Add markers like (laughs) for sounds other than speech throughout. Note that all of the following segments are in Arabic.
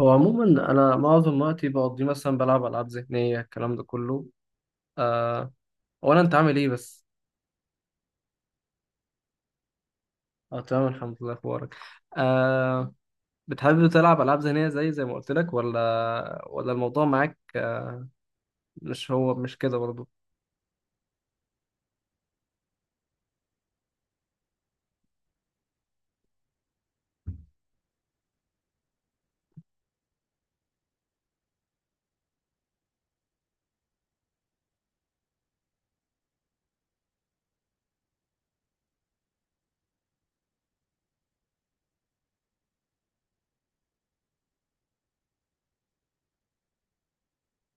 هو عموما انا معظم وقتي بقضيه، مثلا بلعب العاب ذهنيه الكلام ده كله. آه. ولا انت عامل ايه بس؟ اه، تمام الحمد لله، اخبارك؟ آه. بتحب تلعب العاب ذهنيه زي ما قلت لك، ولا ولا الموضوع معاك؟ آه، مش كده برضه؟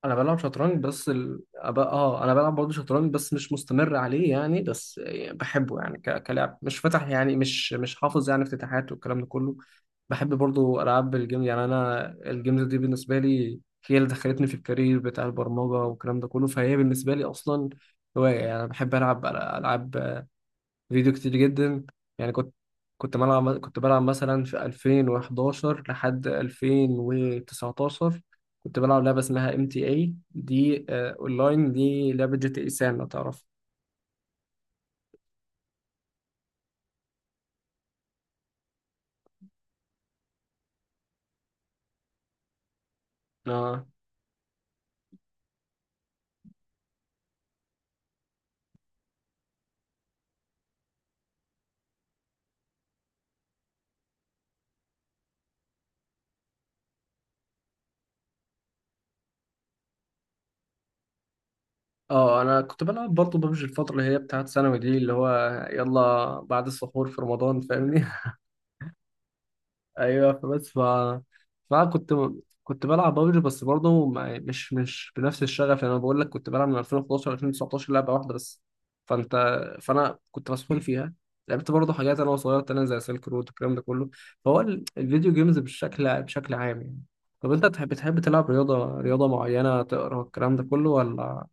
انا بلعب شطرنج بس ال... أب... اه انا بلعب برضه شطرنج بس مش مستمر عليه يعني بس. بحبه يعني كلاعب، مش فتح يعني مش حافظ يعني افتتاحات والكلام ده كله. بحب برضه العاب الجيم، يعني انا الجيمز دي بالنسبه لي هي اللي دخلتني في الكارير بتاع البرمجه والكلام ده كله، فهي بالنسبه لي اصلا هوايه يعني. انا بحب العب العاب فيديو كتير جدا. يعني كنت كنت بلعب كنت بلعب مثلا في 2011 لحد 2019. كنت بلعب لعبة اسمها MTA دي، آه اونلاين، دي لعبة GTA سان لو تعرف. اه اه انا كنت بلعب برضه ببجي الفترة اللي هي بتاعت ثانوي دي، اللي هو يلا بعد السحور في رمضان فاهمني (laughs) ايوه فبس، فانا كنت بلعب بابجي بس برضه مش بنفس الشغف. يعني انا بقول لك كنت بلعب من 2011 ل 2019 لعبه واحده بس. فانت فانا كنت مسحول فيها. لعبت برضه حاجات انا وصغير تانية زي سيلك رود والكلام ده كله، فهو الفيديو جيمز بشكل عام يعني. طب انت تحب تلعب رياضه معينه، تقرا الكلام ده كله ولا؟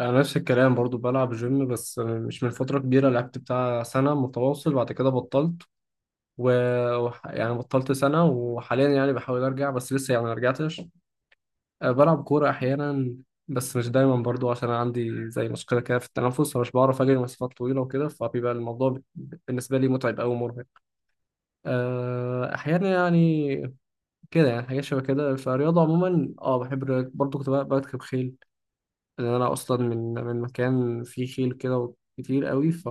انا نفس الكلام، برضو بلعب جيم بس مش من فتره كبيره، لعبت بتاع سنه متواصل بعد كده بطلت. و يعني بطلت سنة وحاليا يعني بحاول أرجع بس لسه يعني ما رجعتش. أه، بلعب كورة أحيانا بس مش دايما، برضو عشان أنا عندي زي مشكلة كده في التنفس فمش بعرف أجري مسافات طويلة وكده، فبيبقى الموضوع بالنسبة لي متعب أوي ومرهق. أه، أحيانا يعني، كده يعني حاجات شبه كده، فالرياضة عموما اه بحب الرياضة. برضو كنت بركب خيل، لأن أنا أصلا من مكان فيه خيل كده كتير قوي.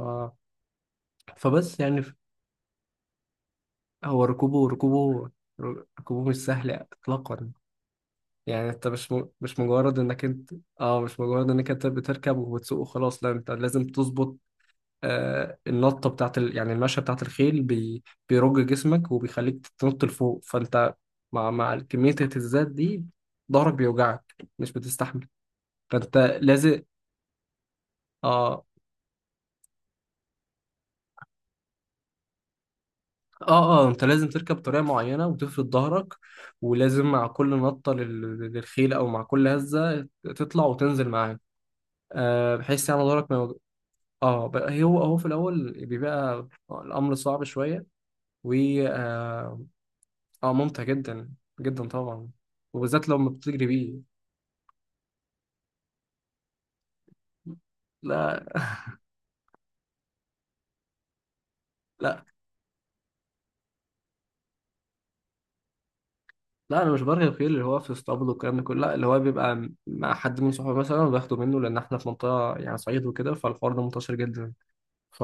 فبس يعني. هو ركوبه ركوبه ركوبه مش سهل إطلاقا. يعني انت مش مجرد انك انت، اه مش مجرد انك انت بتركب وبتسوق وخلاص. لا، انت لازم تظبط آه النطه بتاعت يعني المشيه بتاعت الخيل، بيرج جسمك وبيخليك تنط لفوق. فانت مع كميه الاهتزازات دي ظهرك بيوجعك مش بتستحمل. فانت لازم. اه اه انت لازم تركب بطريقه معينه وتفرد ظهرك، ولازم مع كل نطه للخيل، او مع كل هزه تطلع وتنزل معاه آه، بحيث يعني ظهرك ما. هو في الاول بيبقى الامر صعب شويه. و اه آه، ممتع جدا، جدا طبعا، وبالذات لما بتجري بيه. لا، لا، لا، انا مش برغي الخيل اللي هو في اسطبل والكلام ده كله. لا، اللي هو بيبقى مع حد من صحابه مثلا وباخده منه، لان احنا في منطقه يعني صعيد وكده، فالحوار ده منتشر جدا. ف...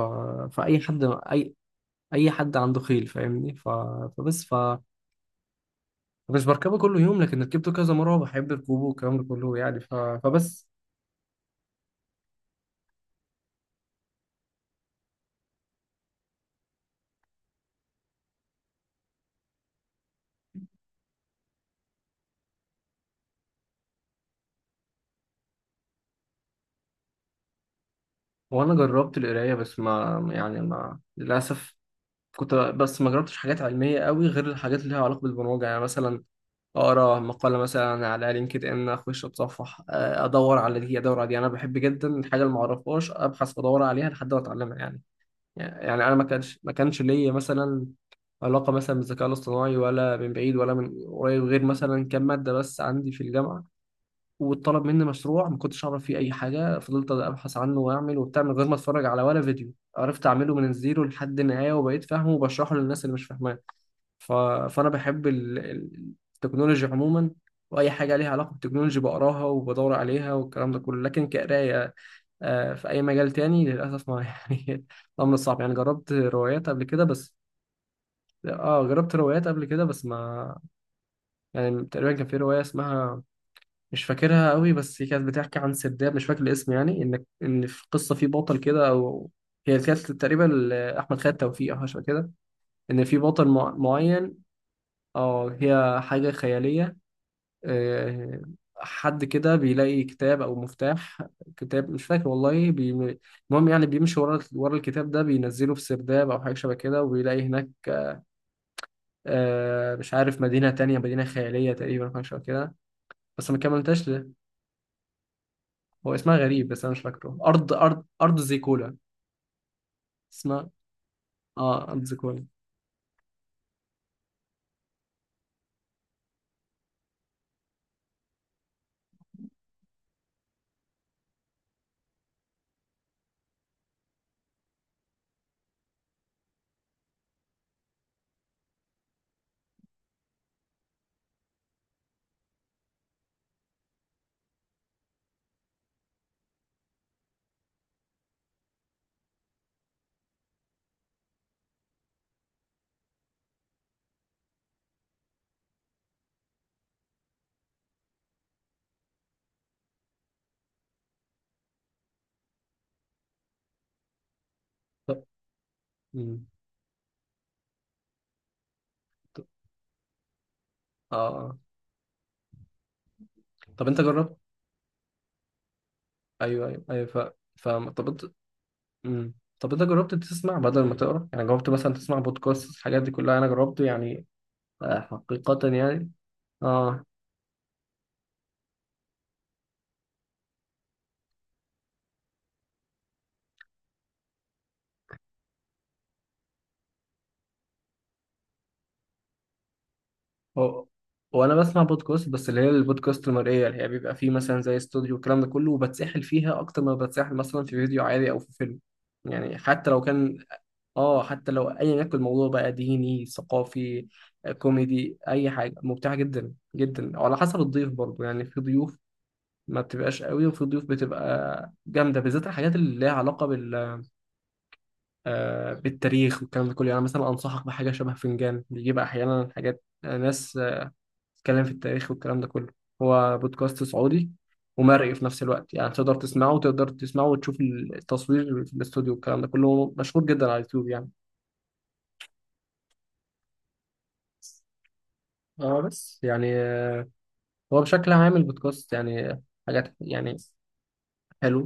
فاي حد اي اي حد عنده خيل فاهمني. فبس. فمش بركبه كل يوم لكن ركبته كذا مره، وبحب ركوبه والكلام ده كله يعني. فبس. وانا جربت القرايه، بس ما يعني ما للاسف كنت، بس ما جربتش حاجات علميه قوي غير الحاجات اللي ليها علاقه بالبرمجه. يعني مثلا اقرا مقاله مثلا على LinkedIn، اخش اتصفح آه، ادور على دي، ادور على دي، انا بحب جدا الحاجه اللي ما اعرفهاش ابحث وادور عليها لحد ما اتعلمها يعني. يعني انا ما كانش ليا مثلا علاقه مثلا بالذكاء الاصطناعي ولا من بعيد ولا من قريب، غير مثلا كام ماده بس عندي في الجامعه، واتطلب مني مشروع ما كنتش اعرف فيه اي حاجه، فضلت ابحث عنه واعمل وبتاع من غير ما اتفرج على ولا فيديو، عرفت اعمله من الزيرو لحد النهايه، وبقيت فاهمه وبشرحه للناس اللي مش فاهماه. ف... فانا بحب التكنولوجي عموما، واي حاجه ليها علاقه بالتكنولوجي بقراها وبدور عليها والكلام ده كله، لكن كقرايه آه، في اي مجال تاني للاسف ما (laughs) يعني الامر صعب يعني. جربت روايات قبل كده بس، اه جربت روايات قبل كده بس ما. يعني تقريبا كان في روايه اسمها، مش فاكرها قوي، بس هي كانت بتحكي عن سرداب، مش فاكر الاسم، يعني ان في قصه، في بطل كده او، هي كانت تقريبا لاحمد خالد توفيق او حاجه شبه كده، ان في بطل معين. اه، هي حاجه خياليه آه، حد كده بيلاقي كتاب او مفتاح، كتاب مش فاكر والله المهم يعني بيمشي ورا ورا الكتاب ده، بينزله في سرداب او حاجه شبه كده، وبيلاقي هناك آه، مش عارف، مدينه تانية، مدينه خياليه تقريبا أو حاجه شبه كده، بس ما كملتهاش. هو اسمها غريب بس انا مش فاكره، ارض زيكولا. اسمها اه، ارض زيكولا. طب. مم. طب- اه آه. طب انت جربت. ايوه، ايوه، ايوه. فاهم. طب انت. مم. طب انت جربت تسمع بدل ما تقرا يعني، جربت مثلا تسمع بودكاست الحاجات دي كلها؟ انا جربت يعني آه، حقيقة يعني. اه، هو وانا بسمع بودكاست بس اللي هي البودكاست المرئية، اللي هي بيبقى فيه مثلا زي استوديو والكلام ده كله، وبتسحل فيها اكتر ما بتسحل مثلا في فيديو عادي او في فيلم. يعني حتى لو ايا يكن الموضوع بقى ديني، ثقافي، آه كوميدي، اي حاجه ممتعه جدا جدا، وعلى حسب الضيف برضو يعني. في ضيوف ما بتبقاش قوي، وفي ضيوف بتبقى جامده، بالذات الحاجات اللي ليها علاقه بالتاريخ والكلام ده كله. يعني مثلا انصحك بحاجه شبه فنجان، بيجيب احيانا حاجات آه، ناس آه، بتتكلم في التاريخ والكلام ده كله. هو بودكاست سعودي، ومرئي في نفس الوقت، يعني تقدر تسمعه، وتقدر تسمعه وتشوف التصوير في الاستوديو والكلام ده كله، مشهور جدا على اليوتيوب يعني. اه، بس يعني هو بشكل عام البودكاست يعني حاجات يعني حلو.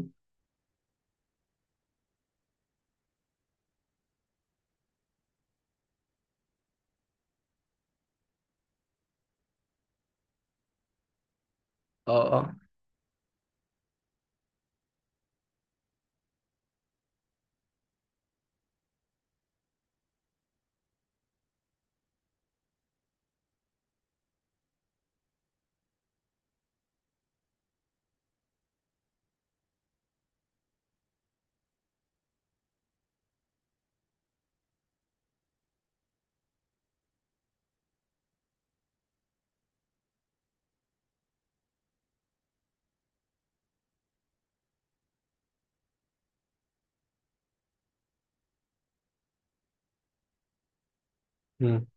اه، اه، امم،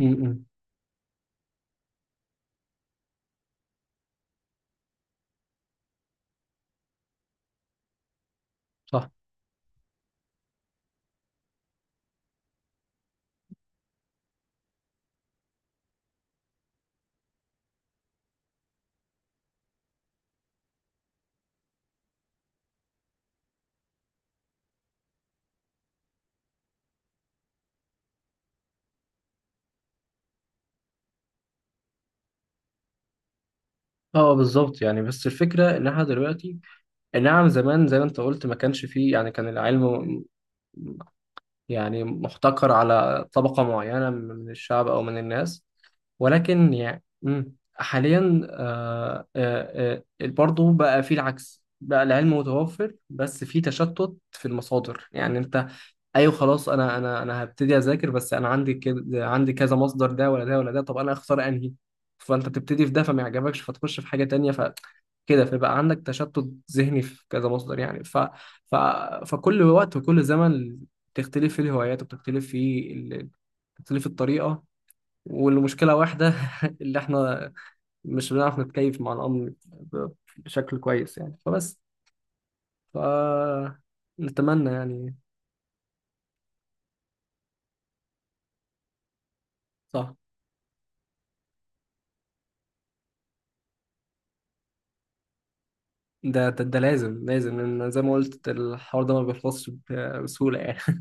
امم، صح. اه، آه بالظبط يعني، بس الفكره ان احنا دلوقتي. نعم، زمان زي ما انت قلت ما كانش فيه يعني، كان العلم م- يعني محتكر على طبقه معينه من الشعب او من الناس. ولكن يعني حاليا، برضه بقى فيه العكس، بقى العلم متوفر بس فيه تشتت في المصادر يعني. انت ايوه، خلاص، انا هبتدي اذاكر، بس انا عندي كده، عندي كذا مصدر، ده ولا ده ولا ده، طب انا اختار انهي؟ فانت بتبتدي في ده فما يعجبكش فتخش في حاجه تانية، كده فيبقى عندك تشتت ذهني في كذا مصدر يعني. ف... فكل وقت وكل زمن بتختلف فيه الهوايات، وبتختلف فيه بتختلف الطريقه، والمشكله واحده (laughs) اللي احنا مش بنعرف نتكيف مع الامر بشكل كويس يعني فبس. ف نتمنى يعني. صح. ده لازم، لازم، لأن زي ما قلت الحوار ده ما بيخلصش بسهولة يعني.